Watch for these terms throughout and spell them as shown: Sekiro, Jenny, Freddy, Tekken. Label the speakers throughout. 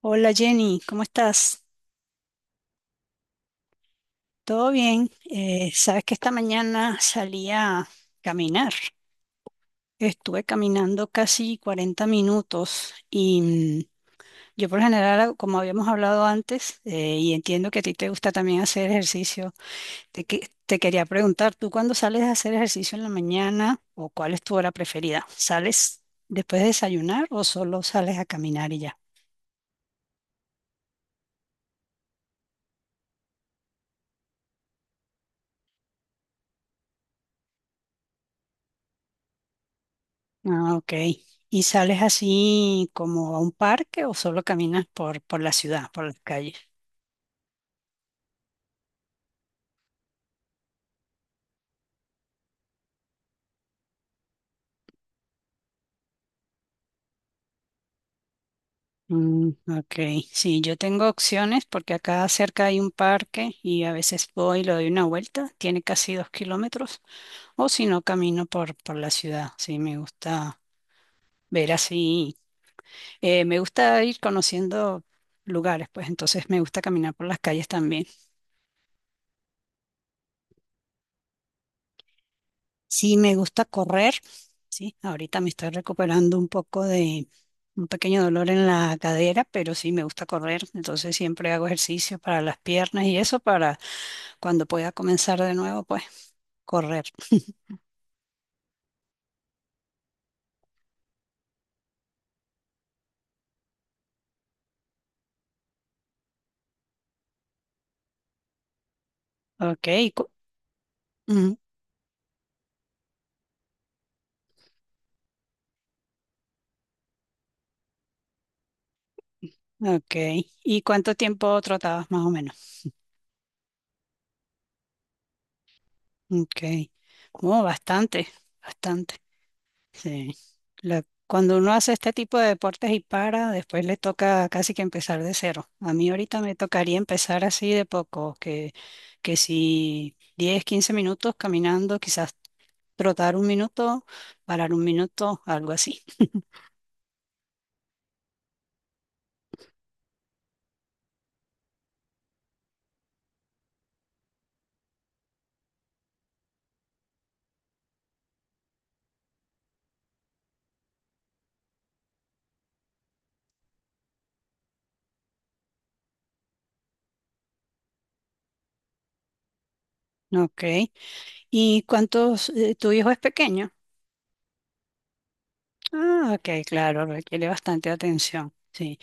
Speaker 1: Hola Jenny, ¿cómo estás? ¿Todo bien? Sabes que esta mañana salí a caminar. Estuve caminando casi 40 minutos yo por lo general, como habíamos hablado antes, y entiendo que a ti te gusta también hacer ejercicio, te quería preguntar, ¿tú cuándo sales a hacer ejercicio en la mañana o cuál es tu hora preferida? ¿Sales después de desayunar o solo sales a caminar y ya? Ah, ok. ¿Y sales así como a un parque o solo caminas por la ciudad, por las calles? Mm, ok. Sí, yo tengo opciones porque acá cerca hay un parque y a veces voy y le doy una vuelta. Tiene casi 2 kilómetros. O si no, camino por la ciudad. Sí, me gusta ver así. Me gusta ir conociendo lugares, pues entonces me gusta caminar por las calles también. Sí, me gusta correr, sí, ahorita me estoy recuperando un poco de un pequeño dolor en la cadera, pero sí me gusta correr, entonces siempre hago ejercicio para las piernas y eso para cuando pueda comenzar de nuevo, pues correr. Ok, ujú, ok. ¿Y cuánto tiempo trotabas más o menos? Ok. Oh, bastante, bastante. Sí. Cuando uno hace este tipo de deportes y para, después le toca casi que empezar de cero. A mí ahorita me tocaría empezar así de poco, que si 10, 15 minutos caminando, quizás trotar un minuto, parar un minuto, algo así. Ok. ¿Y cuántos, tu hijo es pequeño? Ah, ok, claro, requiere bastante atención. Sí.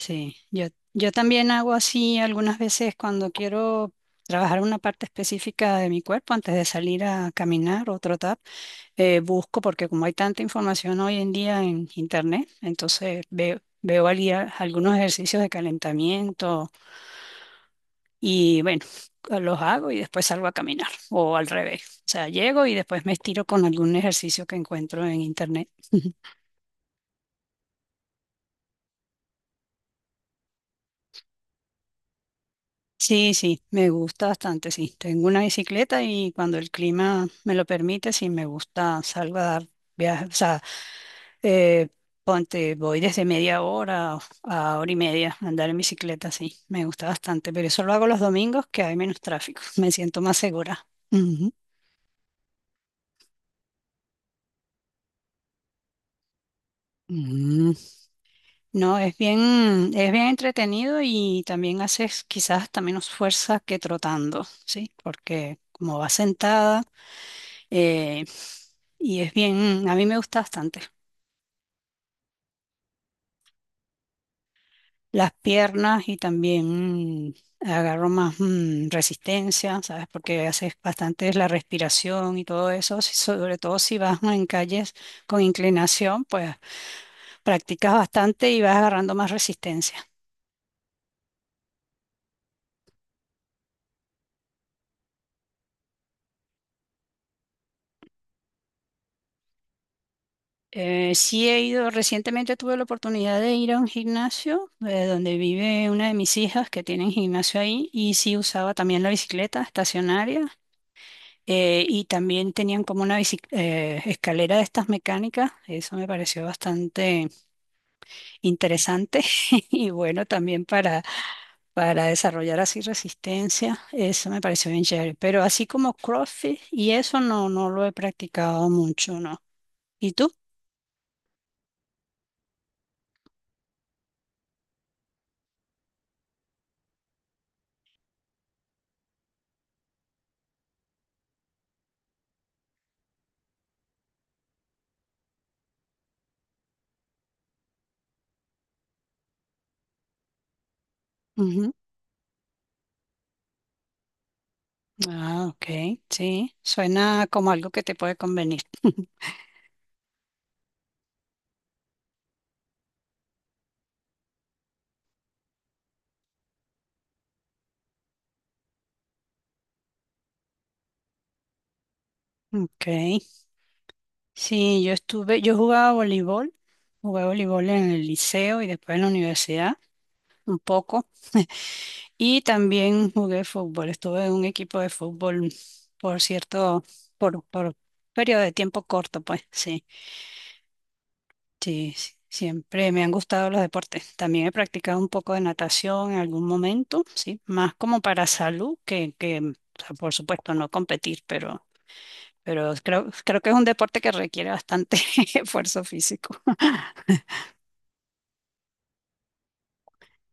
Speaker 1: Sí, yo también hago así algunas veces cuando quiero trabajar una parte específica de mi cuerpo antes de salir a caminar o trotar, busco porque como hay tanta información hoy en día en internet, entonces algunos ejercicios de calentamiento y bueno, los hago y después salgo a caminar o al revés. O sea, llego y después me estiro con algún ejercicio que encuentro en internet. Sí, sí, me gusta bastante, sí. Tengo una bicicleta y cuando el clima me lo permite, sí me gusta, salgo a dar viajes, o sea, eh, ponte, voy desde media hora a hora y media a andar en bicicleta, sí, me gusta bastante, pero eso lo hago los domingos que hay menos tráfico, me siento más segura. Ujú. Mm, no, es bien entretenido y también haces quizás hasta menos fuerza que trotando, ¿sí? Porque como vas sentada, eh, y es bien, a mí me gusta bastante. Las piernas y también agarro más resistencia, ¿sabes? Porque haces bastante la respiración y todo eso, sobre todo si vas en calles con inclinación, pues practicas bastante y vas agarrando más resistencia. Sí he ido, recientemente tuve la oportunidad de ir a un gimnasio donde vive una de mis hijas que tienen gimnasio ahí y sí usaba también la bicicleta estacionaria. Y también tenían como una escalera de estas mecánicas, eso me pareció bastante interesante y bueno, también para desarrollar así resistencia, eso me pareció bien chévere, pero así como CrossFit y eso no, no lo he practicado mucho, ¿no? ¿Y tú? Ujú. Ah, ok, sí, suena como algo que te puede convenir. Ok, sí, yo jugaba voleibol, jugué voleibol en el liceo y después en la universidad un poco. Y también jugué fútbol. Estuve en un equipo de fútbol, por cierto, por periodo de tiempo corto, pues sí, sí, sí, siempre me han gustado los deportes. También he practicado un poco de natación en algún momento, sí, más como para salud que, o sea, por supuesto, no competir, pero creo que es un deporte que requiere bastante esfuerzo físico.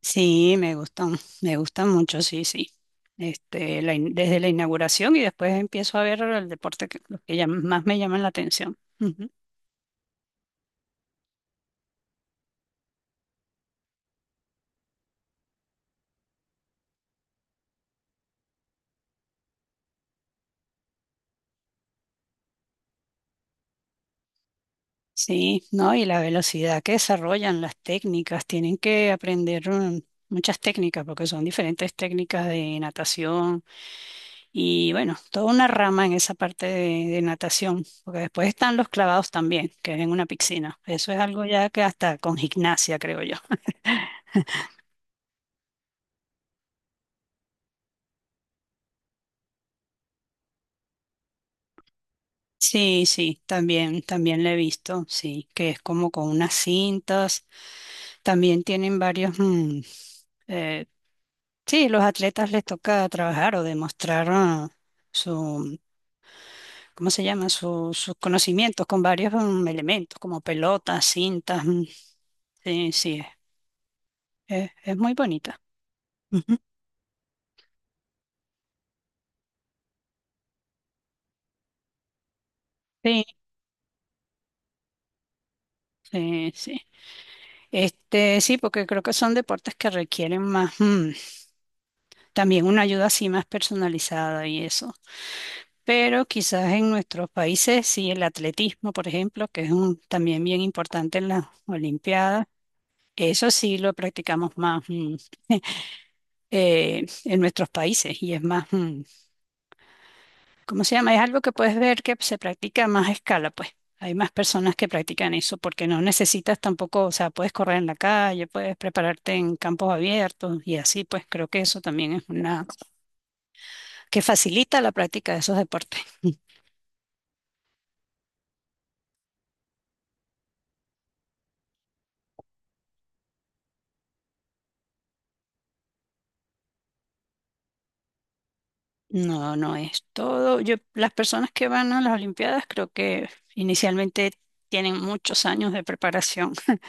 Speaker 1: Sí, me gustan mucho, sí, sí. Este, desde la inauguración y después empiezo a ver el deporte que, los que más me llaman la atención. Ujú. Sí, ¿no? Y la velocidad que desarrollan, las técnicas, tienen que aprender muchas técnicas porque son diferentes técnicas de natación y bueno, toda una rama en esa parte de natación, porque después están los clavados también, que es en una piscina. Eso es algo ya que hasta con gimnasia, creo yo. Sí, sí, también, también le he visto, sí, que es como con unas cintas. También tienen varios, eh, sí, los atletas les toca trabajar o demostrar su, ¿cómo se llama? Sus conocimientos con varios elementos, como pelotas, cintas. Sí, sí, es muy bonita. Ujú. Sí, sí, sí. Este, sí, porque creo que son deportes que requieren más, también una ayuda así más personalizada y eso. Pero quizás en nuestros países, sí, el atletismo, por ejemplo, que es un, también bien importante en las Olimpiadas, eso sí lo practicamos más en nuestros países y es más, ¿cómo se llama? Es algo que puedes ver que se practica a más escala, pues. Hay más personas que practican eso porque no necesitas tampoco, o sea, puedes correr en la calle, puedes prepararte en campos abiertos y así, pues creo que eso también es una que facilita la práctica de esos deportes. No, no es todo. Yo, las personas que van a las Olimpiadas creo que inicialmente tienen muchos años de preparación.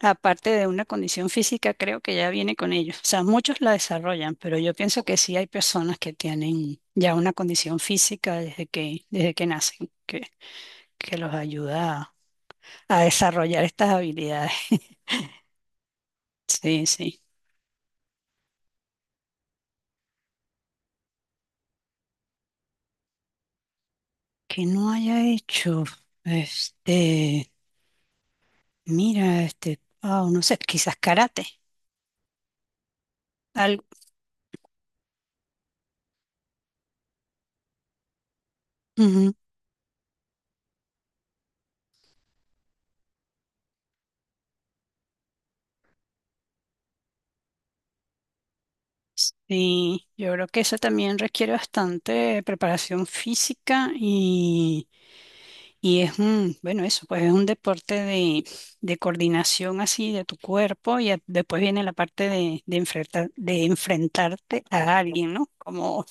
Speaker 1: Aparte de una condición física, creo que ya viene con ellos. O sea, muchos la desarrollan, pero yo pienso que sí hay personas que tienen ya una condición física desde que nacen, que los ayuda a desarrollar estas habilidades. Sí, sí. Que no haya hecho, este, mira, este, no sé, quizás karate. Algo. Ujú. Sí, yo creo que eso también requiere bastante preparación física y es un, bueno, eso, pues es un deporte de coordinación así de tu cuerpo y después viene la parte de enfrentar, de enfrentarte a alguien, ¿no? Como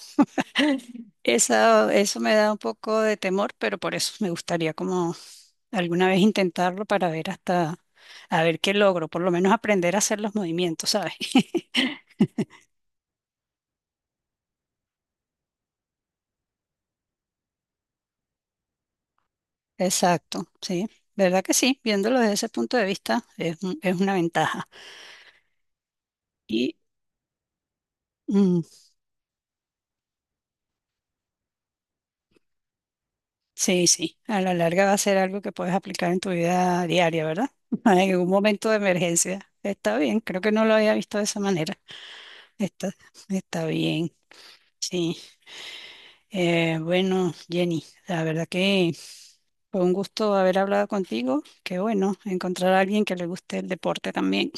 Speaker 1: esa, eso me da un poco de temor, pero por eso me gustaría como alguna vez intentarlo para ver hasta, a ver qué logro, por lo menos aprender a hacer los movimientos, ¿sabes? Exacto, sí, verdad que sí, viéndolo desde ese punto de vista es, es una ventaja. Y mm, sí, sí, a la larga va a ser algo que puedes aplicar en tu vida diaria, ¿verdad? En algún momento de emergencia. Está bien, creo que no lo había visto de esa manera. Está, está bien, sí. Bueno, Jenny, la verdad que fue un gusto haber hablado contigo. Qué bueno encontrar a alguien que le guste el deporte también.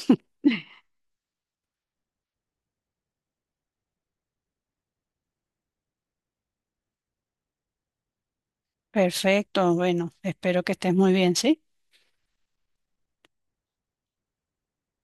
Speaker 1: Perfecto, bueno, espero que estés muy bien, ¿sí?